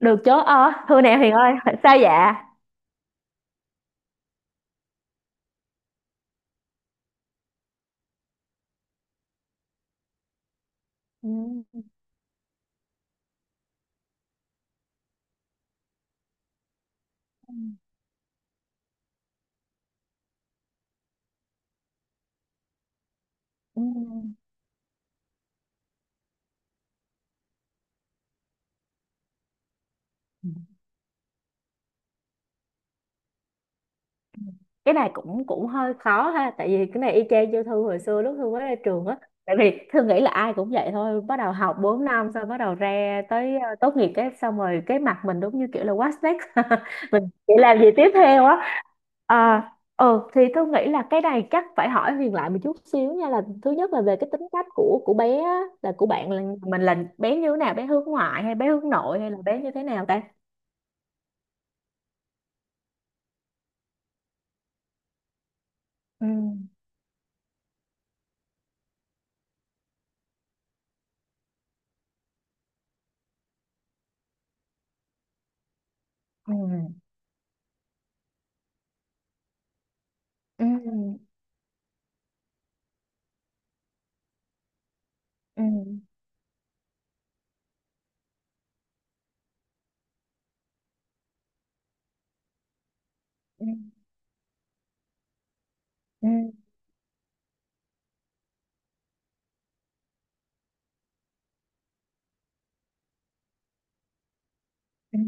Được chứ. Ờ Thưa nè Huyền ơi, sao dạ? Ừ. Ừ. Cái này cũng cũng hơi khó ha, tại vì cái này y chang như Thư hồi xưa lúc Thư mới ra trường á. Tại vì Thư nghĩ là ai cũng vậy thôi, bắt đầu học 4 năm xong bắt đầu ra tới tốt nghiệp, cái xong rồi cái mặt mình đúng như kiểu là what's next mình chỉ làm gì tiếp theo á. À, ừ thì tôi nghĩ là cái này chắc phải hỏi Huyền lại một chút xíu nha, là thứ nhất là về cái tính cách của bé á, là của bạn, là mình, là bé như thế nào, bé hướng ngoại hay bé hướng nội hay là bé như thế nào ta? Ừ, ừ, ừ, ừ, ừ, ừ. Ừ.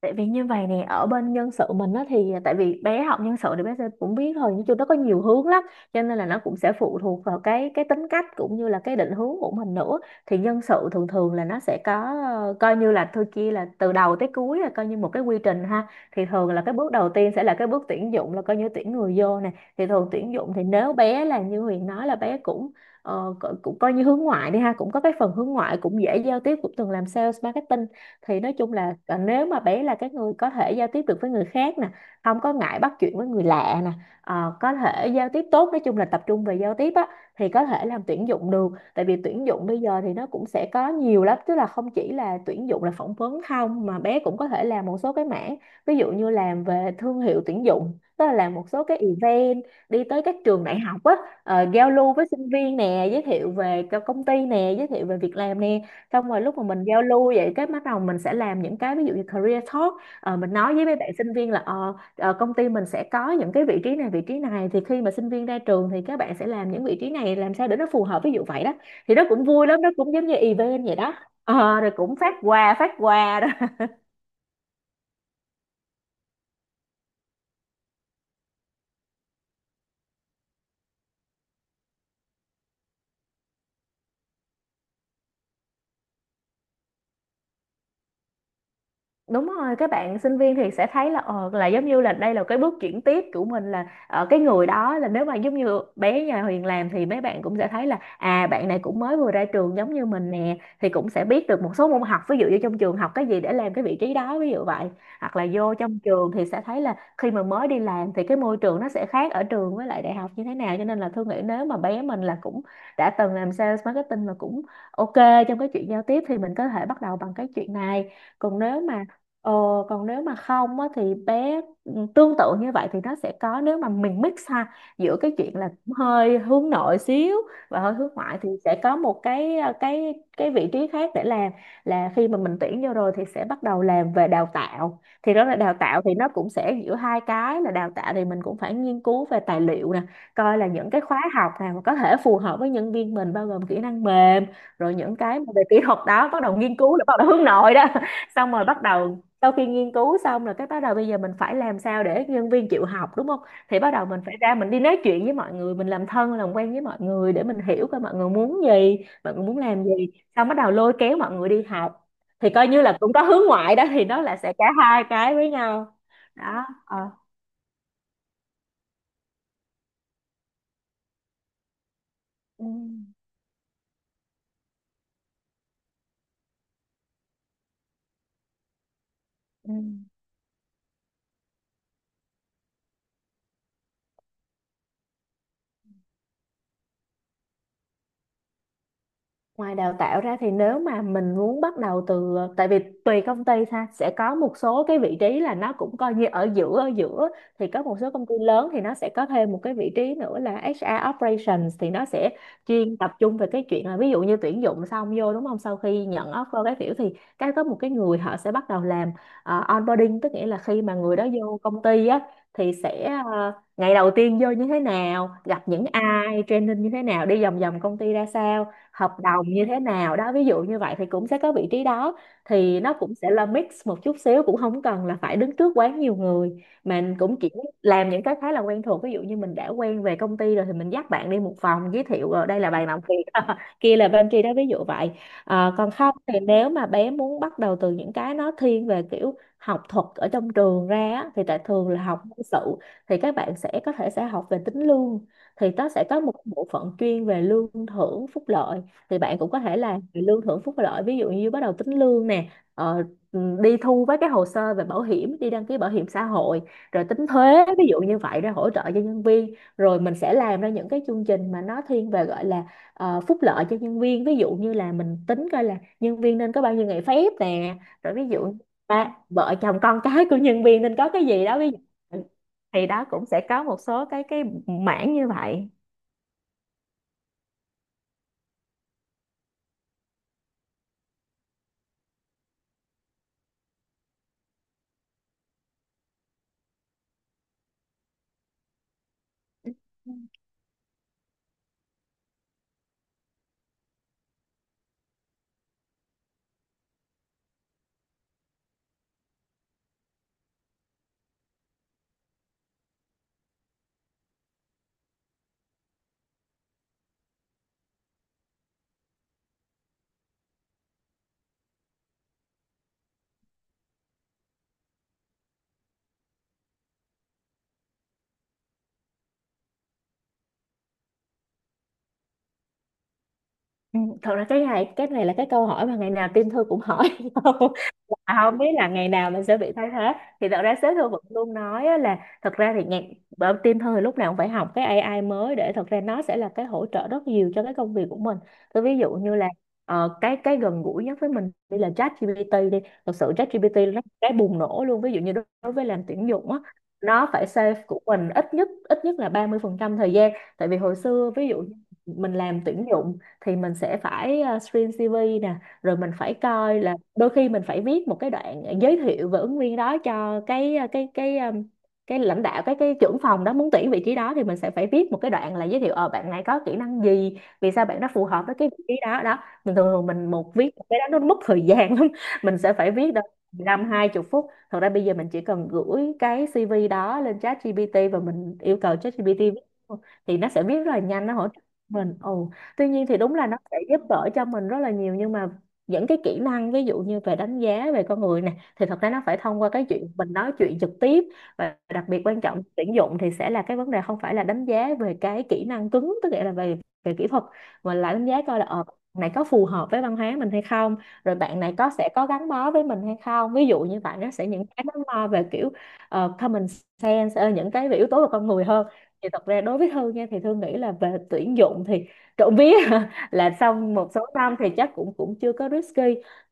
Tại vì như vậy nè, ở bên nhân sự mình á thì tại vì bé học nhân sự thì bé sẽ cũng biết thôi, nhưng chung nó có nhiều hướng lắm. Cho nên là nó cũng sẽ phụ thuộc vào cái tính cách cũng như là cái định hướng của mình nữa. Thì nhân sự thường thường là nó sẽ có coi như là thôi kia là từ đầu tới cuối là coi như một cái quy trình ha. Thì thường là cái bước đầu tiên sẽ là cái bước tuyển dụng, là coi như tuyển người vô nè. Thì thường tuyển dụng thì nếu bé là như Huyền nói là bé cũng, cũng coi như hướng ngoại đi ha, cũng có cái phần hướng ngoại, cũng dễ giao tiếp, cũng từng làm sales marketing. Thì nói chung là nếu mà bé là cái người có thể giao tiếp được với người khác nè, không có ngại bắt chuyện với người lạ nè, có thể giao tiếp tốt, nói chung là tập trung về giao tiếp á. Thì có thể làm tuyển dụng được, tại vì tuyển dụng bây giờ thì nó cũng sẽ có nhiều lắm, tức là không chỉ là tuyển dụng là phỏng vấn không mà bé cũng có thể làm một số cái mảng, ví dụ như làm về thương hiệu tuyển dụng, tức là làm một số cái event, đi tới các trường đại học á, giao lưu với sinh viên nè, giới thiệu về cho công ty nè, giới thiệu về việc làm nè. Xong rồi lúc mà mình giao lưu vậy cái bắt đầu mình sẽ làm những cái ví dụ như career talk. Mình nói với mấy bạn sinh viên là, công ty mình sẽ có những cái vị trí này, vị trí này, thì khi mà sinh viên ra trường thì các bạn sẽ làm những vị trí này, làm sao để nó phù hợp, ví dụ vậy đó. Thì nó cũng vui lắm, nó cũng giống như event vậy đó. Rồi cũng phát quà phát quà. Đúng rồi, các bạn sinh viên thì sẽ thấy là là giống như là đây là cái bước chuyển tiếp của mình, là ở cái người đó, là nếu mà giống như bé nhà Huyền làm thì mấy bạn cũng sẽ thấy là à, bạn này cũng mới vừa ra trường giống như mình nè, thì cũng sẽ biết được một số môn học, ví dụ như trong trường học cái gì để làm cái vị trí đó, ví dụ vậy. Hoặc là vô trong trường thì sẽ thấy là khi mà mới đi làm thì cái môi trường nó sẽ khác ở trường với lại đại học như thế nào. Cho nên là Thương nghĩ nếu mà bé mình là cũng đã từng làm sales marketing và cũng ok trong cái chuyện giao tiếp thì mình có thể bắt đầu bằng cái chuyện này. còn nếu mà Ờ, Còn nếu mà không á, thì bé tương tự như vậy thì nó sẽ có, nếu mà mình mix ha giữa cái chuyện là cũng hơi hướng nội xíu và hơi hướng ngoại thì sẽ có một cái cái vị trí khác để làm. Là khi mà mình tuyển vô rồi thì sẽ bắt đầu làm về đào tạo, thì đó là đào tạo, thì nó cũng sẽ giữa hai cái, là đào tạo thì mình cũng phải nghiên cứu về tài liệu nè, coi là những cái khóa học nào mà có thể phù hợp với nhân viên mình, bao gồm kỹ năng mềm, rồi những cái mà về kỹ thuật đó, bắt đầu nghiên cứu là bắt đầu hướng nội đó xong rồi bắt đầu sau khi nghiên cứu xong rồi cái bắt đầu bây giờ mình phải làm sao để nhân viên chịu học, đúng không? Thì bắt đầu mình phải ra, mình đi nói chuyện với mọi người, mình làm thân làm quen với mọi người để mình hiểu coi mọi người muốn gì, mọi người muốn làm gì, xong bắt đầu lôi kéo mọi người đi học. Thì coi như là cũng có hướng ngoại đó, thì nó là sẽ cả hai cái với nhau đó. Ờ ừ. Ừ. Ngoài đào tạo ra thì nếu mà mình muốn bắt đầu từ tại vì tùy công ty ha, sẽ có một số cái vị trí là nó cũng coi như ở giữa, ở giữa. Thì có một số công ty lớn thì nó sẽ có thêm một cái vị trí nữa là HR operations, thì nó sẽ chuyên tập trung về cái chuyện là, ví dụ như tuyển dụng xong vô, đúng không, sau khi nhận offer cái kiểu, thì cái có một cái người họ sẽ bắt đầu làm onboarding, tức nghĩa là khi mà người đó vô công ty á, thì sẽ ngày đầu tiên vô như thế nào, gặp những ai, training như thế nào, đi vòng vòng công ty ra sao, hợp đồng như thế nào đó, ví dụ như vậy, thì cũng sẽ có vị trí đó. Thì nó cũng sẽ là mix một chút xíu, cũng không cần là phải đứng trước quá nhiều người, mà cũng chỉ làm những cái khá là quen thuộc, ví dụ như mình đã quen về công ty rồi thì mình dắt bạn đi một phòng, giới thiệu ở đây là bàn làm việc, kia là pantry đó, ví dụ vậy. Còn không thì nếu mà bé muốn bắt đầu từ những cái nó thiên về kiểu học thuật ở trong trường ra á, thì tại thường là học quân sự, thì các bạn sẽ có thể sẽ học về tính lương, thì nó sẽ có một bộ phận chuyên về lương thưởng phúc lợi. Thì bạn cũng có thể là lương thưởng phúc lợi, ví dụ như bắt đầu tính lương nè, ờ, đi thu với cái hồ sơ về bảo hiểm, đi đăng ký bảo hiểm xã hội, rồi tính thuế ví dụ như vậy để hỗ trợ cho nhân viên, rồi mình sẽ làm ra những cái chương trình mà nó thiên về gọi là phúc lợi cho nhân viên, ví dụ như là mình tính coi là nhân viên nên có bao nhiêu ngày phép nè, rồi ví dụ ba vợ chồng con cái của nhân viên nên có cái gì đó, ví dụ, thì đó cũng sẽ có một số cái mảng như vậy. Ừ, thật ra cái này là cái câu hỏi mà ngày nào team thư cũng hỏi nhau. Và không biết là ngày nào mình sẽ bị thay thế. Thì thật ra sếp thư vẫn luôn nói á là thật ra thì ngày, bởi team thư thì lúc nào cũng phải học cái AI mới, để thật ra nó sẽ là cái hỗ trợ rất nhiều cho cái công việc của mình. Tôi ví dụ như là cái gần gũi nhất với mình đi là ChatGPT đi. Thật sự ChatGPT nó cái bùng nổ luôn, ví dụ như đối đối với làm tuyển dụng á, nó phải save của mình ít nhất là 30% thời gian. Tại vì hồi xưa ví dụ mình làm tuyển dụng thì mình sẽ phải screen CV nè, rồi mình phải coi là đôi khi mình phải viết một cái đoạn giới thiệu về ứng viên đó cho cái cái lãnh đạo, cái trưởng phòng đó muốn tuyển vị trí đó, thì mình sẽ phải viết một cái đoạn là giới thiệu bạn này có kỹ năng gì, vì sao bạn đó phù hợp với cái vị trí đó đó. Mình thường thường mình một viết một cái đó nó mất thời gian lắm. Mình sẽ phải viết đâu 15, 20 phút. Thật ra bây giờ mình chỉ cần gửi cái CV đó lên chat ChatGPT, và mình yêu cầu chat ChatGPT viết luôn, thì nó sẽ viết rất là nhanh nó hỗ trợ mình. Ồ, tuy nhiên thì đúng là nó sẽ giúp đỡ cho mình rất là nhiều, nhưng mà những cái kỹ năng ví dụ như về đánh giá về con người này thì thật ra nó phải thông qua cái chuyện mình nói chuyện trực tiếp. Và đặc biệt quan trọng tuyển dụng thì sẽ là cái vấn đề không phải là đánh giá về cái kỹ năng cứng, tức nghĩa là về về kỹ thuật, mà là đánh giá coi là bạn này có phù hợp với văn hóa mình hay không, rồi bạn này có sẽ có gắn bó với mình hay không, ví dụ như vậy. Nó sẽ những cái nó lo về kiểu common sense, những cái về yếu tố về con người hơn. Thì thật ra đối với Thương nha, thì Thương nghĩ là về tuyển dụng thì trộm vía là xong một số năm thì chắc cũng cũng chưa có risky.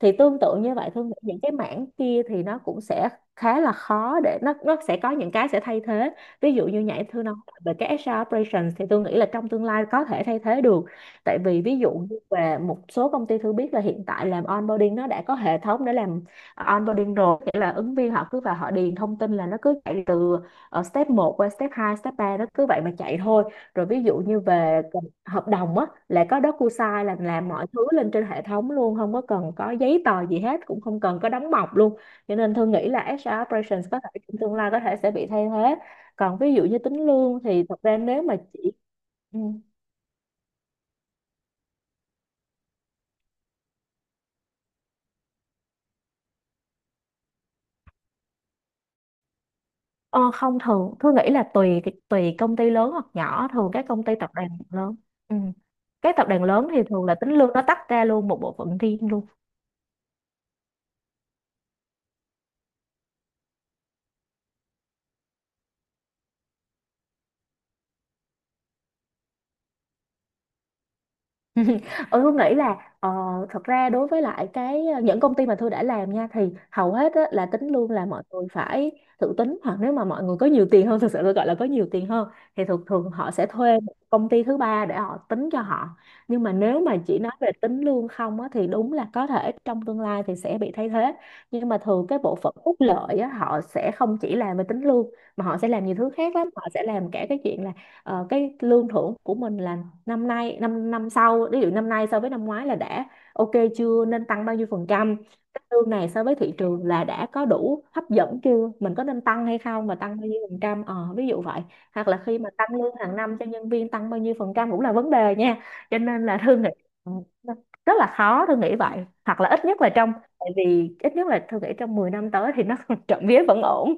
Thì tương tự như vậy, Thương nghĩ những cái mảng kia thì nó cũng sẽ khá là khó để nó sẽ có những cái sẽ thay thế. Ví dụ như nhảy thư nói về cái HR operations thì tôi nghĩ là trong tương lai có thể thay thế được. Tại vì ví dụ như về một số công ty, thư biết là hiện tại làm onboarding nó đã có hệ thống để làm onboarding rồi, nghĩa là ứng viên họ cứ vào họ điền thông tin là nó cứ chạy từ step một qua step 2 step ba, nó cứ vậy mà chạy thôi. Rồi ví dụ như về hợp đồng á, là có DocuSign là làm mọi thứ lên trên hệ thống luôn, không có cần có giấy tờ gì hết, cũng không cần có đóng mộc luôn. Cho nên Thương nghĩ là HR operations có thể trong tương lai có thể sẽ bị thay thế. Còn ví dụ như tính lương thì thật ra nếu mà chỉ ừ. Ờ, không, thường Thương nghĩ là tùy tùy công ty lớn hoặc nhỏ. Thường các công ty tập đoàn lớn, ừ, các tập đoàn lớn thì thường là tính lương nó tách ra luôn một bộ phận riêng luôn. Ừ, Hương nghĩ là thật ra đối với lại cái những công ty mà tôi đã làm nha, thì hầu hết á, là tính luôn là mọi người phải tự tính, hoặc nếu mà mọi người có nhiều tiền hơn thực sự, tôi gọi là có nhiều tiền hơn, thì thường thường họ sẽ thuê một công ty thứ ba để họ tính cho họ. Nhưng mà nếu mà chỉ nói về tính lương không á, thì đúng là có thể trong tương lai thì sẽ bị thay thế. Nhưng mà thường cái bộ phận phúc lợi á, họ sẽ không chỉ làm về tính lương, mà họ sẽ làm nhiều thứ khác lắm. Họ sẽ làm cả cái chuyện là cái lương thưởng của mình là năm nay, năm năm sau, ví dụ năm nay so với năm ngoái là đã ok chưa, nên tăng bao nhiêu phần trăm, cái lương này so với thị trường là đã có đủ hấp dẫn chưa, mình có nên tăng hay không, và tăng bao nhiêu phần trăm, ví dụ vậy. Hoặc là khi mà tăng lương hàng năm cho nhân viên, tăng bao nhiêu phần trăm cũng là vấn đề nha. Cho nên là Thư nghĩ, ừ, rất là khó, Thư nghĩ vậy. Hoặc là ít nhất là trong, tại vì ít nhất là Thư nghĩ trong 10 năm tới thì nó trộm vía vẫn ổn.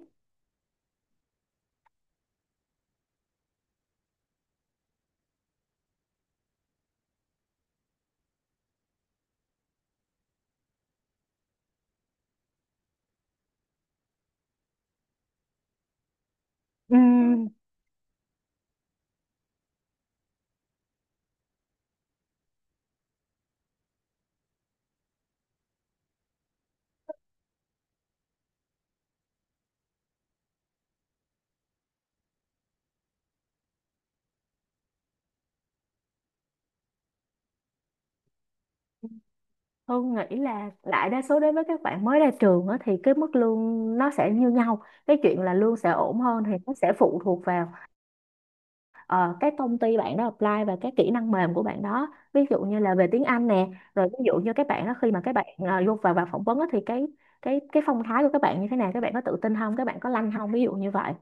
Ừ, Hương nghĩ là đại đa số đối với các bạn mới ra trường á, thì cái mức lương nó sẽ như nhau. Cái chuyện là lương sẽ ổn hơn thì nó sẽ phụ thuộc vào ờ, cái công ty bạn đó apply và cái kỹ năng mềm của bạn đó, ví dụ như là về tiếng Anh nè, rồi ví dụ như các bạn đó khi mà các bạn vô vào vào phỏng vấn á, thì cái cái phong thái của các bạn như thế nào, các bạn có tự tin không, các bạn có lanh không, ví dụ như vậy,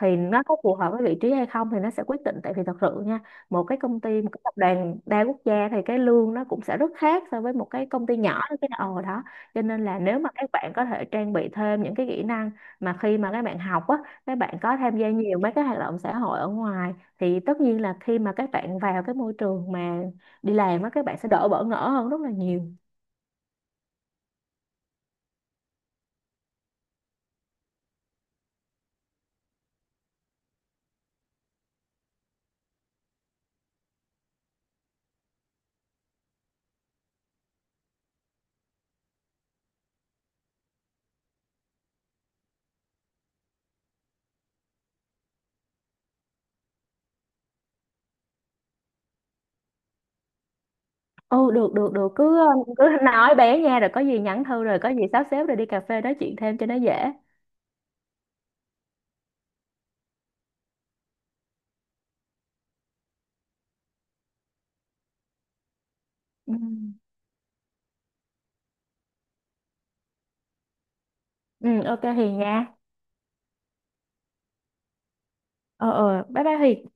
thì nó có phù hợp với vị trí hay không thì nó sẽ quyết định. Tại vì thật sự nha, một cái công ty, một cái tập đoàn đa quốc gia thì cái lương nó cũng sẽ rất khác so với một cái công ty nhỏ đó, cái ồ đó. Cho nên là nếu mà các bạn có thể trang bị thêm những cái kỹ năng mà khi mà các bạn học á, các bạn có tham gia nhiều mấy cái hoạt động xã hội ở ngoài, thì tất nhiên là khi mà các bạn vào cái môi trường mà đi làm á, các bạn sẽ đỡ bỡ ngỡ hơn rất là nhiều. Ừ, được được được, cứ cứ nói bé nha, rồi có gì nhắn thư, rồi có gì sắp xếp rồi đi cà phê nói chuyện thêm cho nó dễ. Ừ. Ừ, ok Hiền nha. Ờ, ờ, bye bye Hiền.